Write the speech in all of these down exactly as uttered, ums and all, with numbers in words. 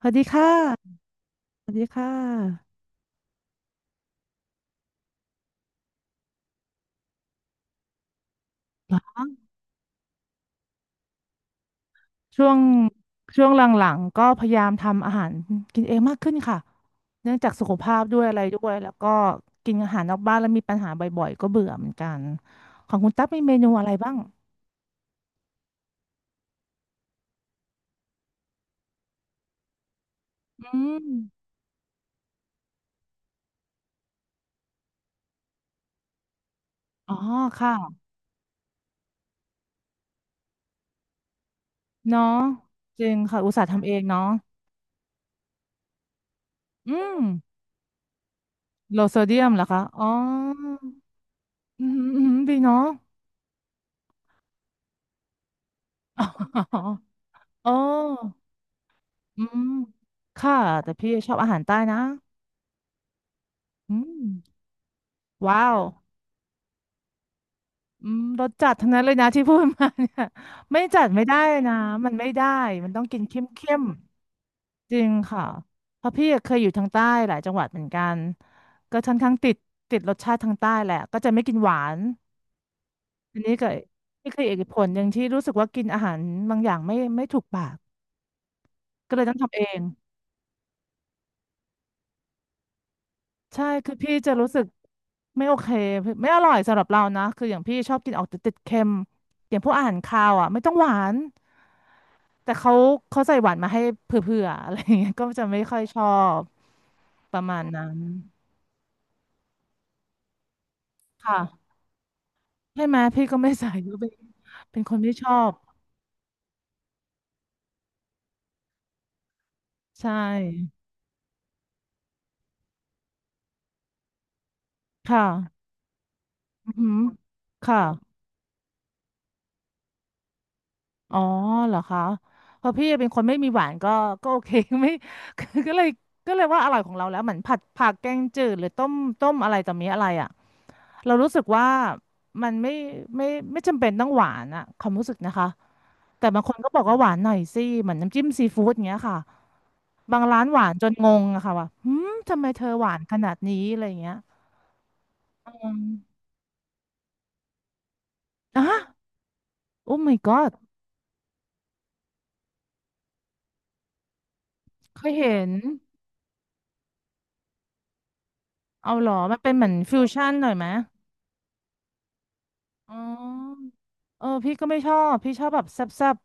สวัสดีค่ะสวัสดีค่ะเหรอช่วงช่วงหลังๆก็พยายามทำอาหารกินเองมากขึ้นค่ะเนื่องจากสุขภาพด้วยอะไรด้วยแล้วก็กินอาหารนอกบ้านแล้วมีปัญหาบ่อยๆก็เบื่อเหมือนกันของคุณตั๊กมีเมนูอะไรบ้างอืมอ๋อค่ะเนาะจริงค่ะอุตส่าห์ทำเองเนาะอืมโลโซเดียมเหรอคะอ๋ออืมอืมดีเนาะ อ๋ออ๋ออืมค่ะแต่พี่ชอบอาหารใต้นะอืม ว้าวอืมรสจัดทั้งนั้นเลยนะ ที่พูดมาเนี่ยไม่จัดไม่ได้นะมันไม่ได้มันต้องกินเข้มเข้มจริงค่ะเพราะพี่เคยอยู่ทางใต้หลายจังหวัดเหมือนกันก็ค่อนข้างติดติดรสชาติทางใต้แหละก็จะไม่กินหวานอันนี้ก็นี่คืออีกผลหนึ่งที่รู้สึกว่ากินอาหารบางอย่างไม่ไม่ถูกปากก็เลยต้องทำเอง ใช่ คือพี่จะรู้สึกไม่โอเค ไม่อร่อยสำหรับเรานะ คืออย่างพี่ชอบกินออกติดๆเค็มอย่างพวกอาหารคาวอ่ะไม่ต้องหวาน แต่เขาเขาใส่หวานมาให้เผื่อๆอะไรอย่างเงี้ยก็จะไม่ค่อยชอบประมาณนั้นค่ะใช่ไหมพี่ก็ไม่ใส่ก็เป็นเป็นคนไม่ชอบ ใช่ ค่ะอือหือค่ะ อ๋อเหรอคะเพราะพี่เป็นคนไม่มีหวานก็ก็โอเค ไม่คือก็เลยก็เลยว่าอร่อยของเราแล้วเหมือนผัดผักแกงจืดหรือต้มต้มอะไรต่อมีอะไรอ่ะเรารู้สึกว่ามันไม่ไม่ไม่จำเป็นต้องหวานอะความรู้สึกนะคะแต่บางคนก็บอกว่าหวานหน่อยสิเหมือนน้ำจิ้มซีฟู้ดอย่างเงี้ยค่ะบางร้านหวานจนงงอะค่ะว่าหืมทำไมเธอหวานขนาดนี้อะไรอย่างเงี้ยอืมอ่ะโอ้ my god เคยเห็นเอาเหรอมันเป็นเหมือนฟิวชั่นหน่อยไหม อ๋อเออพี่ก็ไม่ชอบพี่ชอบแบบแซ่บ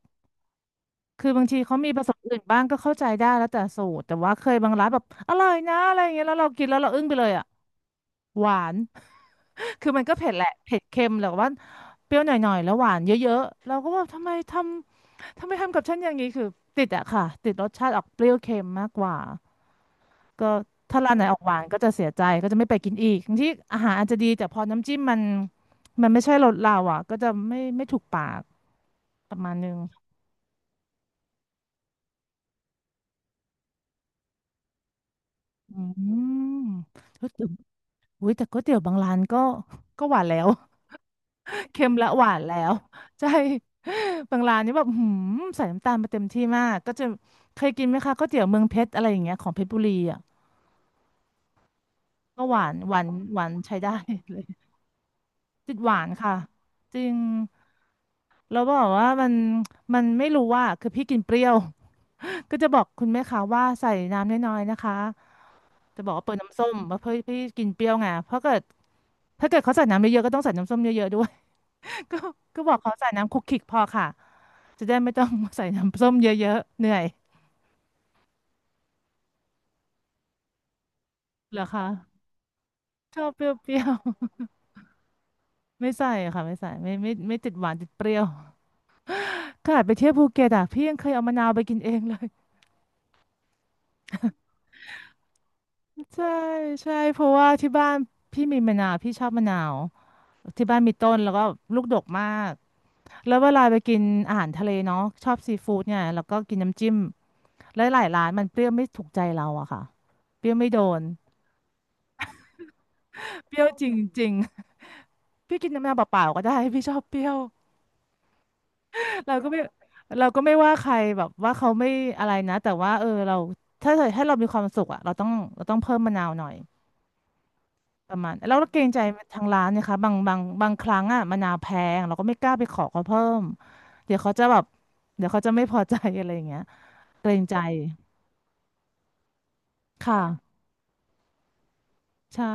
ๆคือบางทีเขามีผสมอื่นบ้างก็เข้าใจได้แล้วแต่สูตรแต่ว่าเคยบางร้านแบบอร่อยนะอะไรอย่างเงี้ยแล้วเรากินแล้วเราอึ้งไปเลยอ่ะ หวาน คือมันก็เผ็ดแหละ เผ็ดเค็มแต่ว่าเปรี้ยวหน่อยๆแล้วหวานเยอะๆ เราก็ว่าทำไมทำ ทำไมทำกับฉันอย่างนี้ คือติดอะค่ะติดรสชาติออกเปรี้ยวเค็มมากกว่าก็ถ้าร้านไหนออกหวานก็จะเสียใจก็จะไม่ไปกินอีกบางที่อาหารอาจจะดีแต่พอน้ำจิ้มมันมันไม่ใช่รสเราอ่ะก็จะไม่ไม่ถูกปาก ประมาณนึงอืมก็ถึงอุ้ยแต่ก๋วยเตี๋ยวบางร้านก็ก็หวานแล้ว เค็มและหวานแล้วใช่ บางร้านนี่แบบหืมใส่น้ำตาลมาเต็มที่มาก ก็จะเคยกินไหมคะก๋วยเตี๋ยวเมืองเพชรอะไรอย่างเงี้ยของเพชรบุรีอ่ะก็หวานหวานหวานใช้ได้ เลยติดหวานค่ะจริงแล้วบอกว่ามันมันไม่รู้ว่าคือพี่กินเปรี้ยว ก็จะบอกคุณแม่ค้าว่าใส่น้ำน้อยๆนะคะจะบอกว่าเปิดน้ำส้มมาเพื่อพี่กินเปรี้ยวไงเพราะเกิด ถ้าเกิดเขาใส่น้ำเยอะๆก็ต้องใส่น้ำส้มเยอะๆด้วย ก็ก็บอกเขาใส่น้ำคลุกคลิกพอค่ะจะได้ไม่ต้องใส่น้ำส้มเยอะๆเหนื่อยเหรอคะชอบเปรี้ยวๆ ไม่ใส่ค่ะไม่ใส่ไม่ไม่ไม่ติดหวานติดเปรี้ยว ขนาดไปเที่ยวภูเก็ตอะพี่ยังเคยเอามะนาวไปกินเองเลย ใช่ใช่เพราะว่าที่บ้านพี่มีมะนาวพี่ชอบมะนาวที่บ้านมีต้นแล้วก็ลูกดกมากแล้วเวลาไปกินอาหารทะเลเนาะชอบซีฟู้ดเนี่ยแล้วก็กินน้ำจิ้มแล้วหลายร้านมันเปรี้ยวไม่ถูกใจเราอะค่ะเปรี้ยวไม่โดนเปรี้ยวจริงๆพี่กินน้ำมะนาวเปล่าๆก็ได้พี่ชอบเปรี้ยวเราก็ไม่เราก็ไม่ว่าใครแบบว่าเขาไม่อะไรนะแต่ว่าเออเราถ้าเกิดให้เรามีความสุขอะเราต้องเราต้องเพิ่มมะนาวหน่อย ประมาณแล้วเราเกรงใจทางร้านนะคะบางบางบางครั้งอ่ะมะนาวแพงเราก็ไม่กล้าไปขอเขาเพิ่มเดี๋ยวเขาจะแบบเดี๋ยวเขาจะไม่พอใจ อะไรอย่างเงี้ยเกรงใจค่ะใช่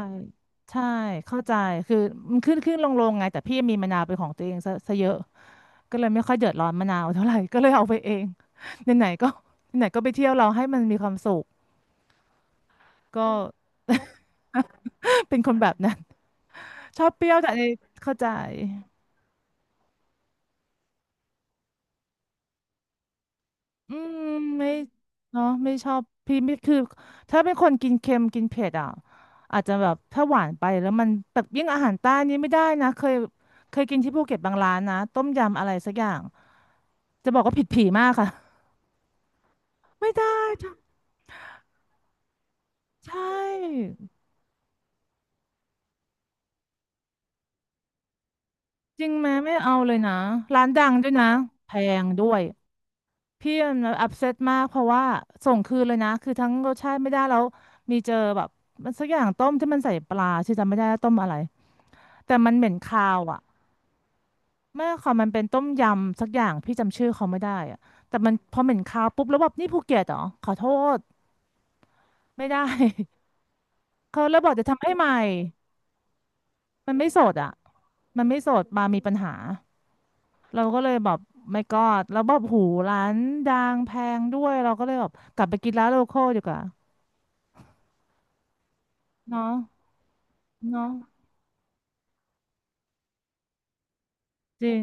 ใช่เข้าใจคือมันขึ้นขึ้นลงลงไงแต่พี่มีมะนาวเป็นของตัวเองซะซะเยอะก็เลยไม่ค่อยเดือดร้อนมะนาวเท่าไหร่ ก็เลยเอาไปเองไหนๆก็ไหนๆก็ไปเที่ยวเราให้มันมีความสุขก็ เป็นคนแบบนั้นชอบเปรี้ยวแต่ันเข้าใจ อืมไม่เนาะไม่ชอบพี่ไม่คือถ้าเป็นคนกินเค็มกินเผ็ดอ่ะอาจจะแบบถ้าหวานไปแล้วมันแต่ยิ่งอาหารใต้นี่ไม่ได้นะเคยเคยกินที่ภูเก็ตบางร้านนะต้มยำอะไรสักอย่างจะบอกว่าผิดผีมากค่ะไม่ได้จ้ะใช่จริงไหมไม่เอาเลยนะร้านดังด้วยนะแพงด้วยพี่มันอัพเซตมากเพราะว่าส่งคืนเลยนะคือทั้งรสชาติไม่ได้แล้วมีเจอแบบมันสักอย่างต้มที่มันใส่ปลาชื่อจำไม่ได้แล้วต้มอะไรแต่มันเหม็นคาวอ่ะ ไม่ค่ะมันเป็นต้มยำสักอย่างพี่จำชื่อเขาไม่ได้อะแต่มันพอเหม็นคาวปุ๊บแล้วแบบนี่ภูเก็ตเหรอขอโทษไม่ได้ เขาแล้วบอกจะทำให้ใหม่มันไม่สดอ่ะมันไม่สดมามีปัญหาเราก็เลยแบบไม่กอดแล้วแบบหูร้านดังแพงด้วยเราก็เลยแบบกลับไปกินร้านโลคอลดีกว่าเนาะเนาะจริง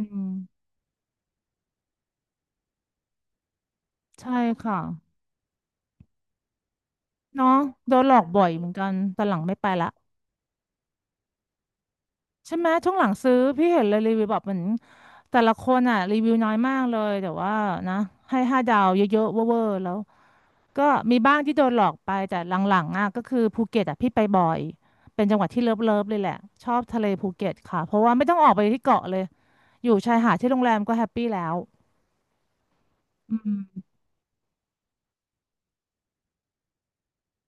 ใช่ค่ะเนาะโดนหลอกบ่อยเหมือนกันตอนหลังไม่ไปละ ใช่ไหมช่วงหลังซื้อพี่เห็นเลยรีวิวแบบเหมือนแต่ละคนอ่ะรีวิวน้อยมากเลยแต่ว่านะให้ห้าดาวเยอะๆเวอร์ๆแล้วก็มีบ้างที่โดนหลอกไปแต่หลังๆอ่ะก็คือภูเก็ตอ่ะพี่ไปบ่อยเป็นจังหวัดที่เลิฟๆเลยแหละชอบทะเลภูเก็ตค่ะเพราะว่าไม่ต้องออกไปที่เกาะเลยอยู่ชายหาดที่โรงแรมก็แฮปปี้แล้วอืม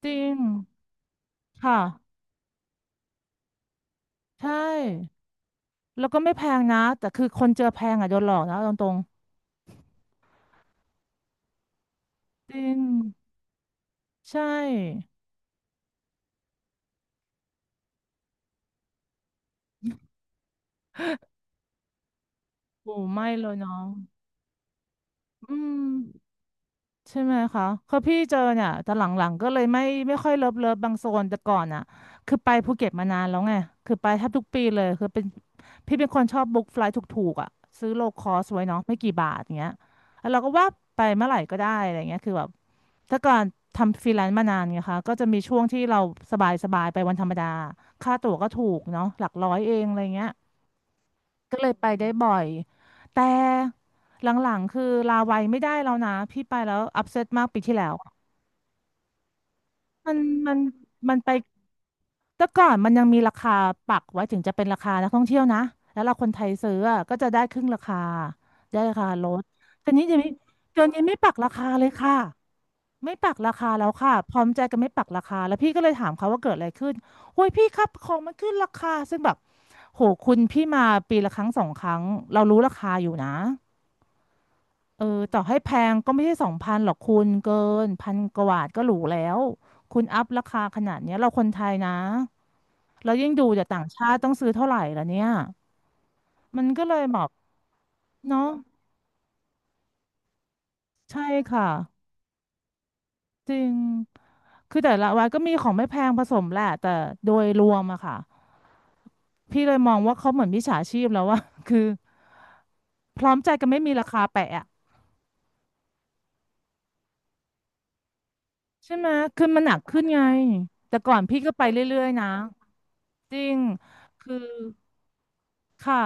จริงค่ะใช่แล้วก็ไม่แพงนะแต่คือคนเจอแพงอ่ะโดนหลอกนะเอาตรงๆจริงใช่โอ้ไม่เลยเนาะ อืมใช่ไหมคะคือพี่เจอเนี่ยแต่หลังๆก็เลยไม่ไม่ค่อยเลิฟเลิฟบางโซนแต่ก่อนอ่ะคือไปภูเก็ตมานานแล้วไงคือไปแทบทุกปีเลยคือเป็นพี่เป็นคนชอบบุ๊กไฟลท์ถูกๆอ่ะซื้อโลคอสไว้เนาะไม่กี่บาทอย่างเงี้ยแล้วเราก็ว่าไปเมื่อไหร่ก็ได้อะไรเงี้ยคือแบบแต่ก่อนทำฟรีแลนซ์มานานไงคะก็จะมีช่วงที่เราสบายๆไปวันธรรมดาค่าตั๋วก็ถูกเนาะหลักร้อยเองอะไรเงี้ย ก็เลยไปได้บ่อยแต่หลังๆคือลาวัยไม่ได้แล้วนะพี่ไปแล้วอัพเซตมากปีที่แล้วอะมันมันมันไปแต่ก่อนมันยังมีราคาปักไว้ถึงจะเป็นราคานักท่องเที่ยวนะ แล้วเราคนไทยซื้ออะก็จะได้ครึ่งราคาได้ราคาลดแต่นี้จะมีเดี๋ยวนี้ไม่ปักราคาเลยค่ะไม่ปักราคาแล้วค่ะพร้อมใจกันไม่ปักราคาแล้วพี่ก็เลยถามเขาว่าเกิดอะไรขึ้นโอ้ยพี่ครับของมันขึ้นราคาซึ่งแบบโหคุณพี่มาปีละครั้งสองครั้งเรารู้ราคาอยู่นะ เออต่อให้แพงก็ไม่ใช่สองพันหรอกคุณเกินพันกว่าบาทก็หรูแล้วคุณอัพราคาขนาดเนี้ยเราคนไทยนะเรายิ่งดูจากต่างชาติต้องซื้อเท่าไหร่ละเนี่ยมันก็เลยแบบเนาะใช่ค่ะจริงคือแต่ละวันก็มีของไม่แพงผสมแหละแต่โดยรวมอะค่ะพี่เลยมองว่าเขาเหมือนมิจฉาชีพแล้วว่า คือพร้อมใจกันไม่มีราคาแปะอะใช่ไหมคือมันหนักขึ้นไงแต่ก่อนพี่ก็ไปเรื่อยๆนะจริงคือ ค่ะ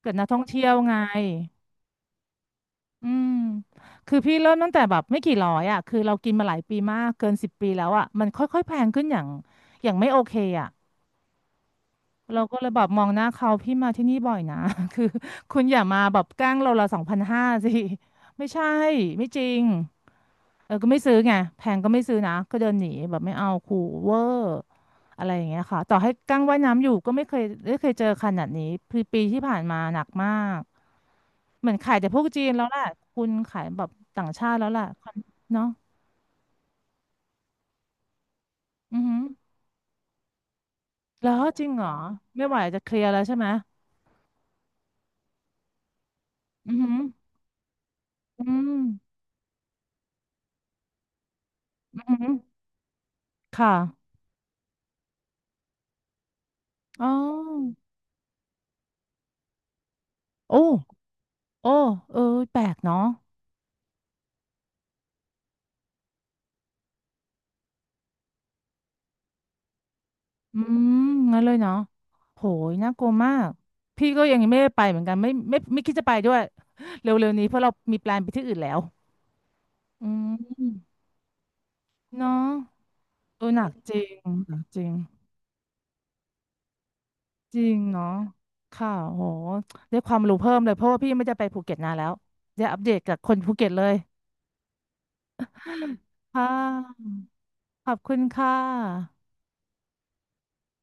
เกิดนักท่องเที่ยวไงอืมคือพี่เริ่มตั้งแต่แบบไม่กี่ร้อยอ่ะคือเรากินมาหลายปีมากเกินสิบปีแล้วอ่ะมันค่อยๆแพงขึ้นอย่างอย่างไม่โอเคอ่ะเราก็เลยแบบมองหน้าเขาพี่มาที่นี่บ่อยนะ คือคุณอย่ามาแบบแกล้งเราละสองพันห้าสิไม่ใช่ไม่จริง เออก็ไม่ซื้อไงแพงก็ไม่ซื้อนะก็เดินหนีแบบไม่เอาขู่เวอร์อะไรอย่างเงี้ยค่ะต่อให้กั้งว่ายน้ำอยู่ก็ไม่เคยไม่เคยเจอขนาดนี้ปีปีที่ผ่านมาหนักมากเหมือนขายแต่พวกจีนแล้วแหละคุณขายแบบต่างชาติแล้วแหละเนาะอือหือแล้วจริงเหรอไม่ไหวจะเคลียร์แล้วใช่ไหมอือหืออืมอือหือค่ะอ๋อโอ้โอ้เออแปลกเนาะ อืมงั้นเลยเนาะโหยน่ากลัวมากพี่ก็ยังไม่ได้ไปเหมือนกันไม่ไม่ไม่คิดจะไปด้วย เร็วๆนี้เพราะเรามีแปลนไปที่อื่นแล้วอืมเนาะเออหนักจริงหนักจริงจริงเนาะค่ะโหได้ความรู้เพิ่มเลยเพราะว่าพี่ไม่ได้ไปภูเก็ตนานแล้วจะอัปเดตกับคนภูเก็ตเลยค่ะขอบคุณค่ะ